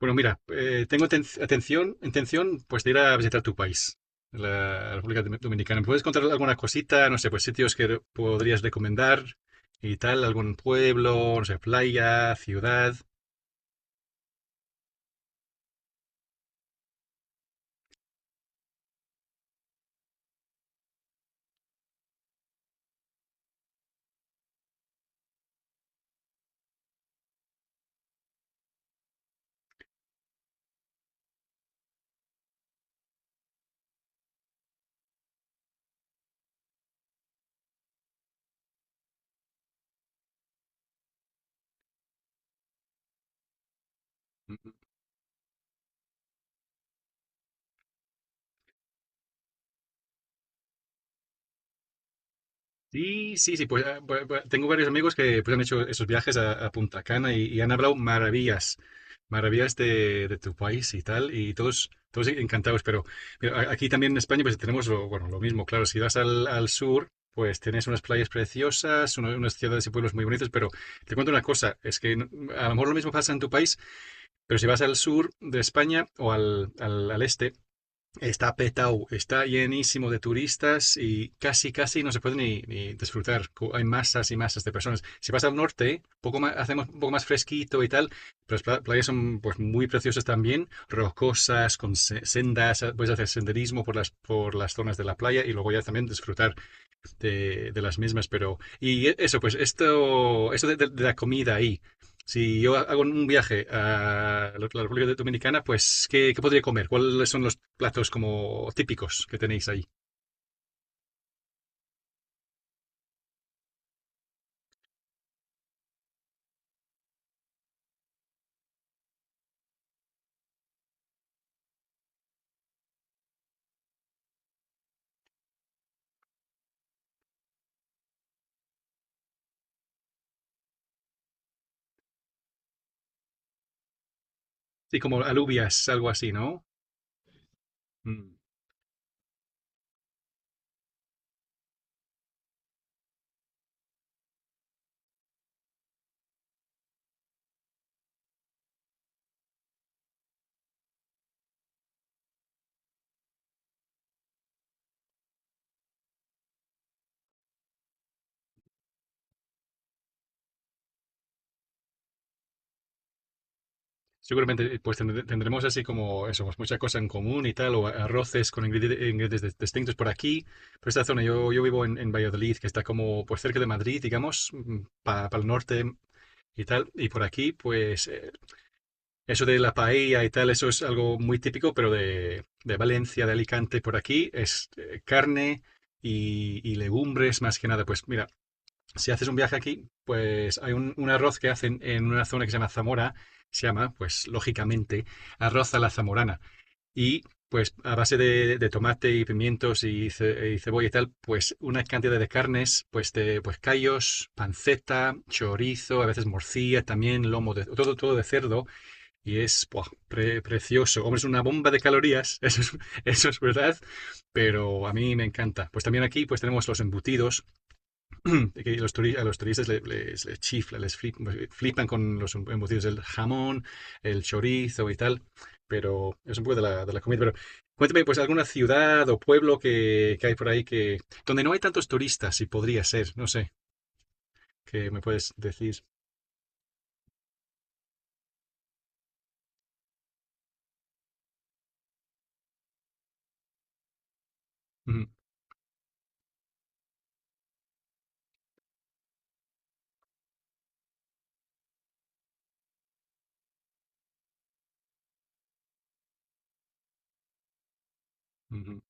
Bueno, mira, atención, intención pues de ir a visitar tu país, la República Dominicana. ¿Me puedes contar alguna cosita? No sé, pues sitios que podrías recomendar y tal, algún pueblo, no sé, playa, ciudad. Sí, sí, sí, pues, tengo varios amigos que pues, han hecho esos viajes a Punta Cana y han hablado maravillas, maravillas de tu país y tal, y todos, todos encantados. Pero mira, aquí también en España pues tenemos lo, bueno, lo mismo, claro, si vas al sur, pues tienes unas playas preciosas, unas ciudades y pueblos muy bonitos, pero te cuento una cosa, es que a lo mejor lo mismo pasa en tu país, pero si vas al sur de España o al este. Está petado, está llenísimo de turistas y casi, casi no se puede ni disfrutar. Hay masas y masas de personas. Si vas al norte, poco más, hacemos un poco más fresquito y tal, pero las playas son pues, muy preciosas también, rocosas, con sendas, puedes hacer senderismo por por las zonas de la playa y luego ya también disfrutar de las mismas. Pero, y eso, pues esto, esto de la comida ahí. Si yo hago un viaje a la República Dominicana, pues, ¿qué, qué podría comer? ¿Cuáles son los platos como típicos que tenéis ahí? Sí, como alubias, algo así, ¿no? Mm. Seguramente pues tendremos así como eso, pues, mucha cosa en común y tal, o arroces con ingredientes distintos por aquí. Por esta zona, yo vivo en Valladolid, que está como pues cerca de Madrid, digamos, para el norte y tal. Y por aquí, pues eso de la paella y tal, eso es algo muy típico, pero de Valencia, de Alicante, por aquí, es carne y legumbres más que nada. Pues mira, si haces un viaje aquí, pues hay un arroz que hacen en una zona que se llama Zamora, se llama, pues lógicamente, arroz a la zamorana. Y pues a base de tomate y pimientos y cebolla y tal, pues una cantidad de carnes, pues de pues callos, panceta, chorizo, a veces morcilla también, lomo, de, todo, todo de cerdo y es buah, precioso. Hombre, es una bomba de calorías, eso es verdad, pero a mí me encanta. Pues también aquí pues tenemos los embutidos, que los turi- a los turistas les chifla, flipan con los embutidos del jamón, el chorizo y tal, pero es un poco de de la comida. Pero cuéntame, pues alguna ciudad o pueblo que hay por ahí que donde no hay tantos turistas, y podría ser, no sé, que me puedes decir. Ujú, ujú,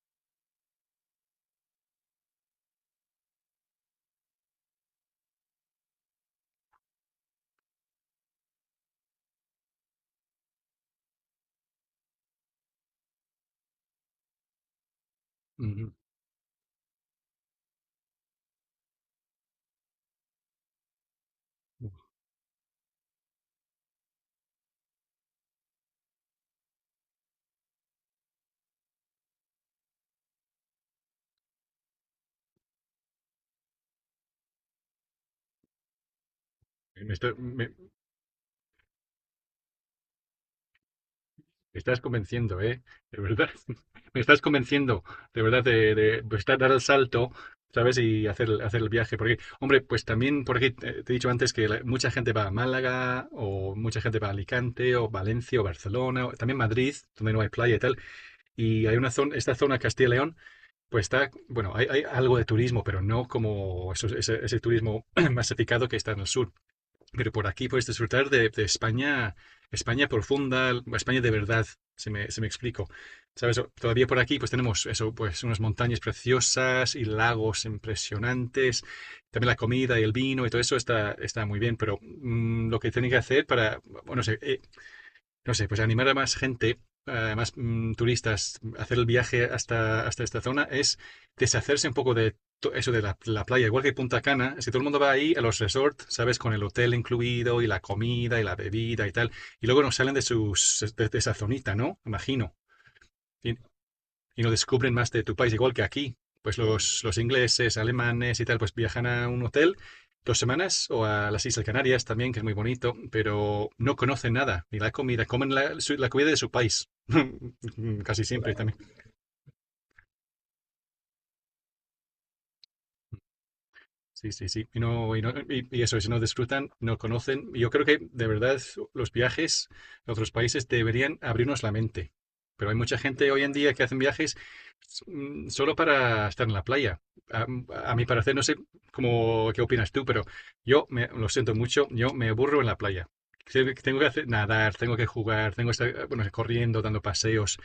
ujú. Me estoy- me- Me estás convenciendo, ¿eh? De verdad. Me estás convenciendo, de verdad, de estar, dar el salto, ¿sabes? Y hacer, hacer el viaje. Porque, hombre, pues también, porque te he dicho antes que mucha gente va a Málaga, o mucha gente va a Alicante, o Valencia, o Barcelona, o también Madrid, donde no hay playa y tal. Y hay una zona, esta zona Castilla y León, pues está, bueno, hay algo de turismo, pero no como ese turismo masificado que está en el sur, pero por aquí puedes disfrutar de España, España profunda, España de verdad, se me explico. ¿Sabes? Todavía por aquí pues tenemos eso, pues unas montañas preciosas y lagos impresionantes. También la comida y el vino y todo eso está, está muy bien, pero lo que tienen que hacer para, bueno, no sé, no sé, pues animar a más gente, a más turistas, a hacer el viaje hasta esta zona, es deshacerse un poco de eso de la playa. Igual que Punta Cana, si todo el mundo va ahí a los resorts, ¿sabes? Con el hotel incluido y la comida y la bebida y tal, y luego nos salen de, sus, de esa zonita, ¿no? Imagino y no descubren más de tu país igual que aquí. Pues los ingleses, alemanes y tal, pues viajan a un hotel dos semanas o a las Islas Canarias también, que es muy bonito, pero no conocen nada, ni la comida, comen la comida de su país, casi siempre también. Sí, sí, sí. Y eso, si no disfrutan, no conocen. Yo creo que de verdad los viajes a otros países deberían abrirnos la mente. Pero hay mucha gente hoy en día que hacen viajes, solo para estar en la playa. A mi parecer, no sé cómo, qué opinas tú, pero yo lo siento mucho, yo me aburro en la playa. Tengo que hacer, nadar, tengo que jugar, tengo que estar, bueno, corriendo, dando paseos.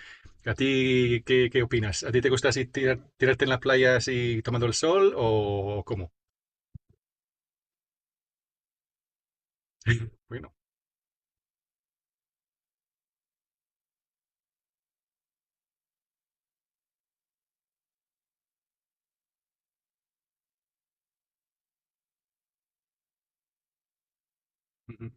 ¿A ti qué, qué opinas? ¿A ti te gusta así tirarte en la playa así tomando el sol o cómo? Bueno, ujú,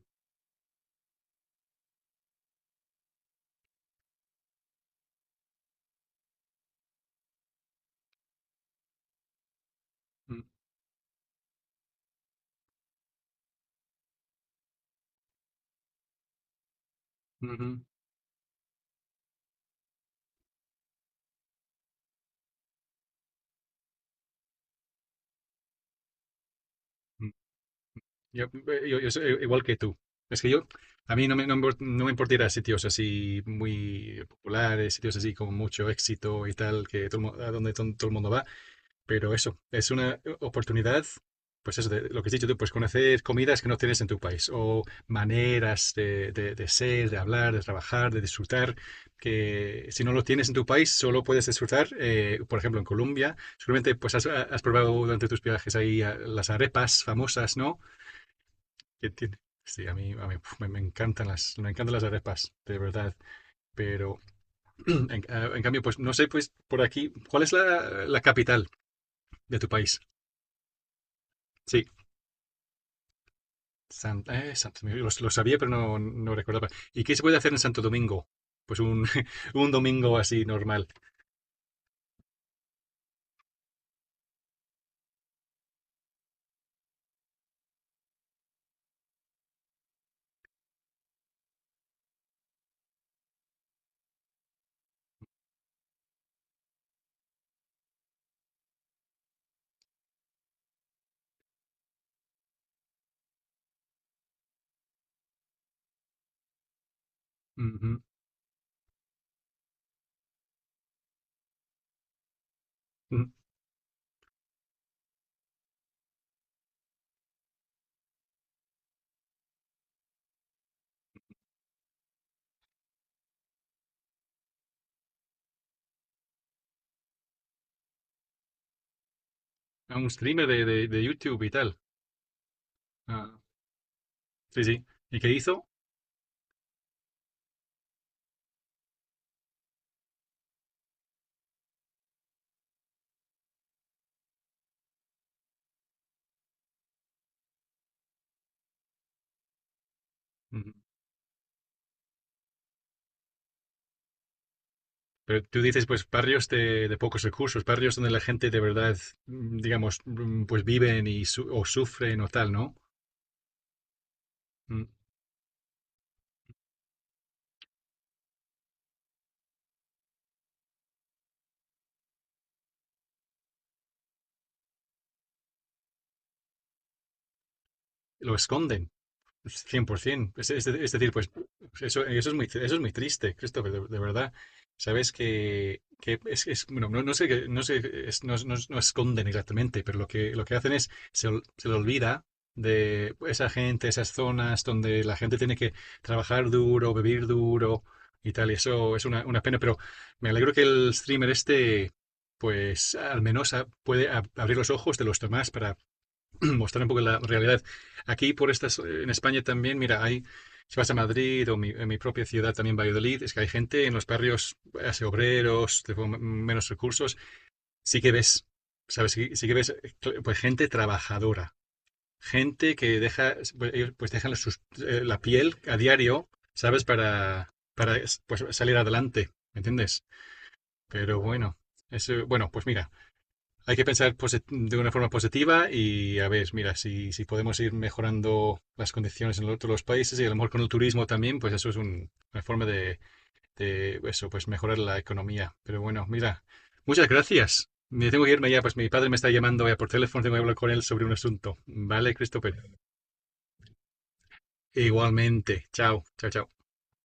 ujú, ujú, ujú. Yo, yo soy igual que tú. Es que yo, a mí no me importaría sitios así muy populares, sitios así con mucho éxito y tal, que todo el mu- a donde ton- todo el mundo va. Pero eso, es una oportunidad, pues eso, de lo que has dicho tú, pues conocer comidas que no tienes en tu país o maneras de ser, de hablar, de trabajar, de disfrutar, que si no lo tienes en tu país, solo puedes disfrutar, por ejemplo, en Colombia. Seguramente pues has, has probado durante tus viajes ahí, las arepas famosas, ¿no? Que tiene- Sí, a mí, puf, me encantan me encantan las arepas, de verdad. Pero en cambio, pues no sé, pues por aquí, ¿cuál es la capital de tu país? Sí. Santo Domingo. Lo sabía, pero no, no recordaba. ¿Y qué se puede hacer en Santo Domingo? Pues un, un domingo así normal. Ujú, ujú. A ¿Un streamer de, de YouTube y tal? Ah, sí, sí. ¿Y qué hizo? Ujú. Pero tú dices, pues barrios de pocos recursos, barrios donde la gente de verdad, digamos, pues viven y o sufren o tal, ¿no? Mm, Lo esconden. 100%. Es decir, pues eso, eso es muy triste, Christopher, de verdad. Sabes que es, bueno, no, no sé, qué, no sé, no, no esconden exactamente, pero lo que hacen es, se, se le olvida de esa gente, esas zonas donde la gente tiene que trabajar duro, vivir duro y tal, y eso es una pena, pero me alegro que el streamer este, pues al menos puede abrir los ojos de los demás para mostrar un poco la realidad. Aquí, por estas, en España también, mira, hay, si vas a Madrid o en mi propia ciudad también, Valladolid, es que hay gente en los barrios, hace obreros, de menos recursos, sí que ves, ¿sabes? Sí, sí que ves, pues, gente trabajadora, gente que deja, pues, ellos pues dejan la piel a diario, ¿sabes? Para pues, salir adelante, ¿me entiendes? Pero bueno, eso, bueno, pues mira. Hay que pensar de una forma positiva y a ver, mira, si podemos ir mejorando las condiciones en los otros los países y a lo mejor con el turismo también, pues eso es una forma de eso, pues mejorar la economía. Pero bueno, mira, muchas gracias. Me tengo que irme ya, pues mi padre me está llamando ya por teléfono, tengo que hablar con él sobre un asunto. Vale, Christopher. Igualmente. Chao, chao, chao.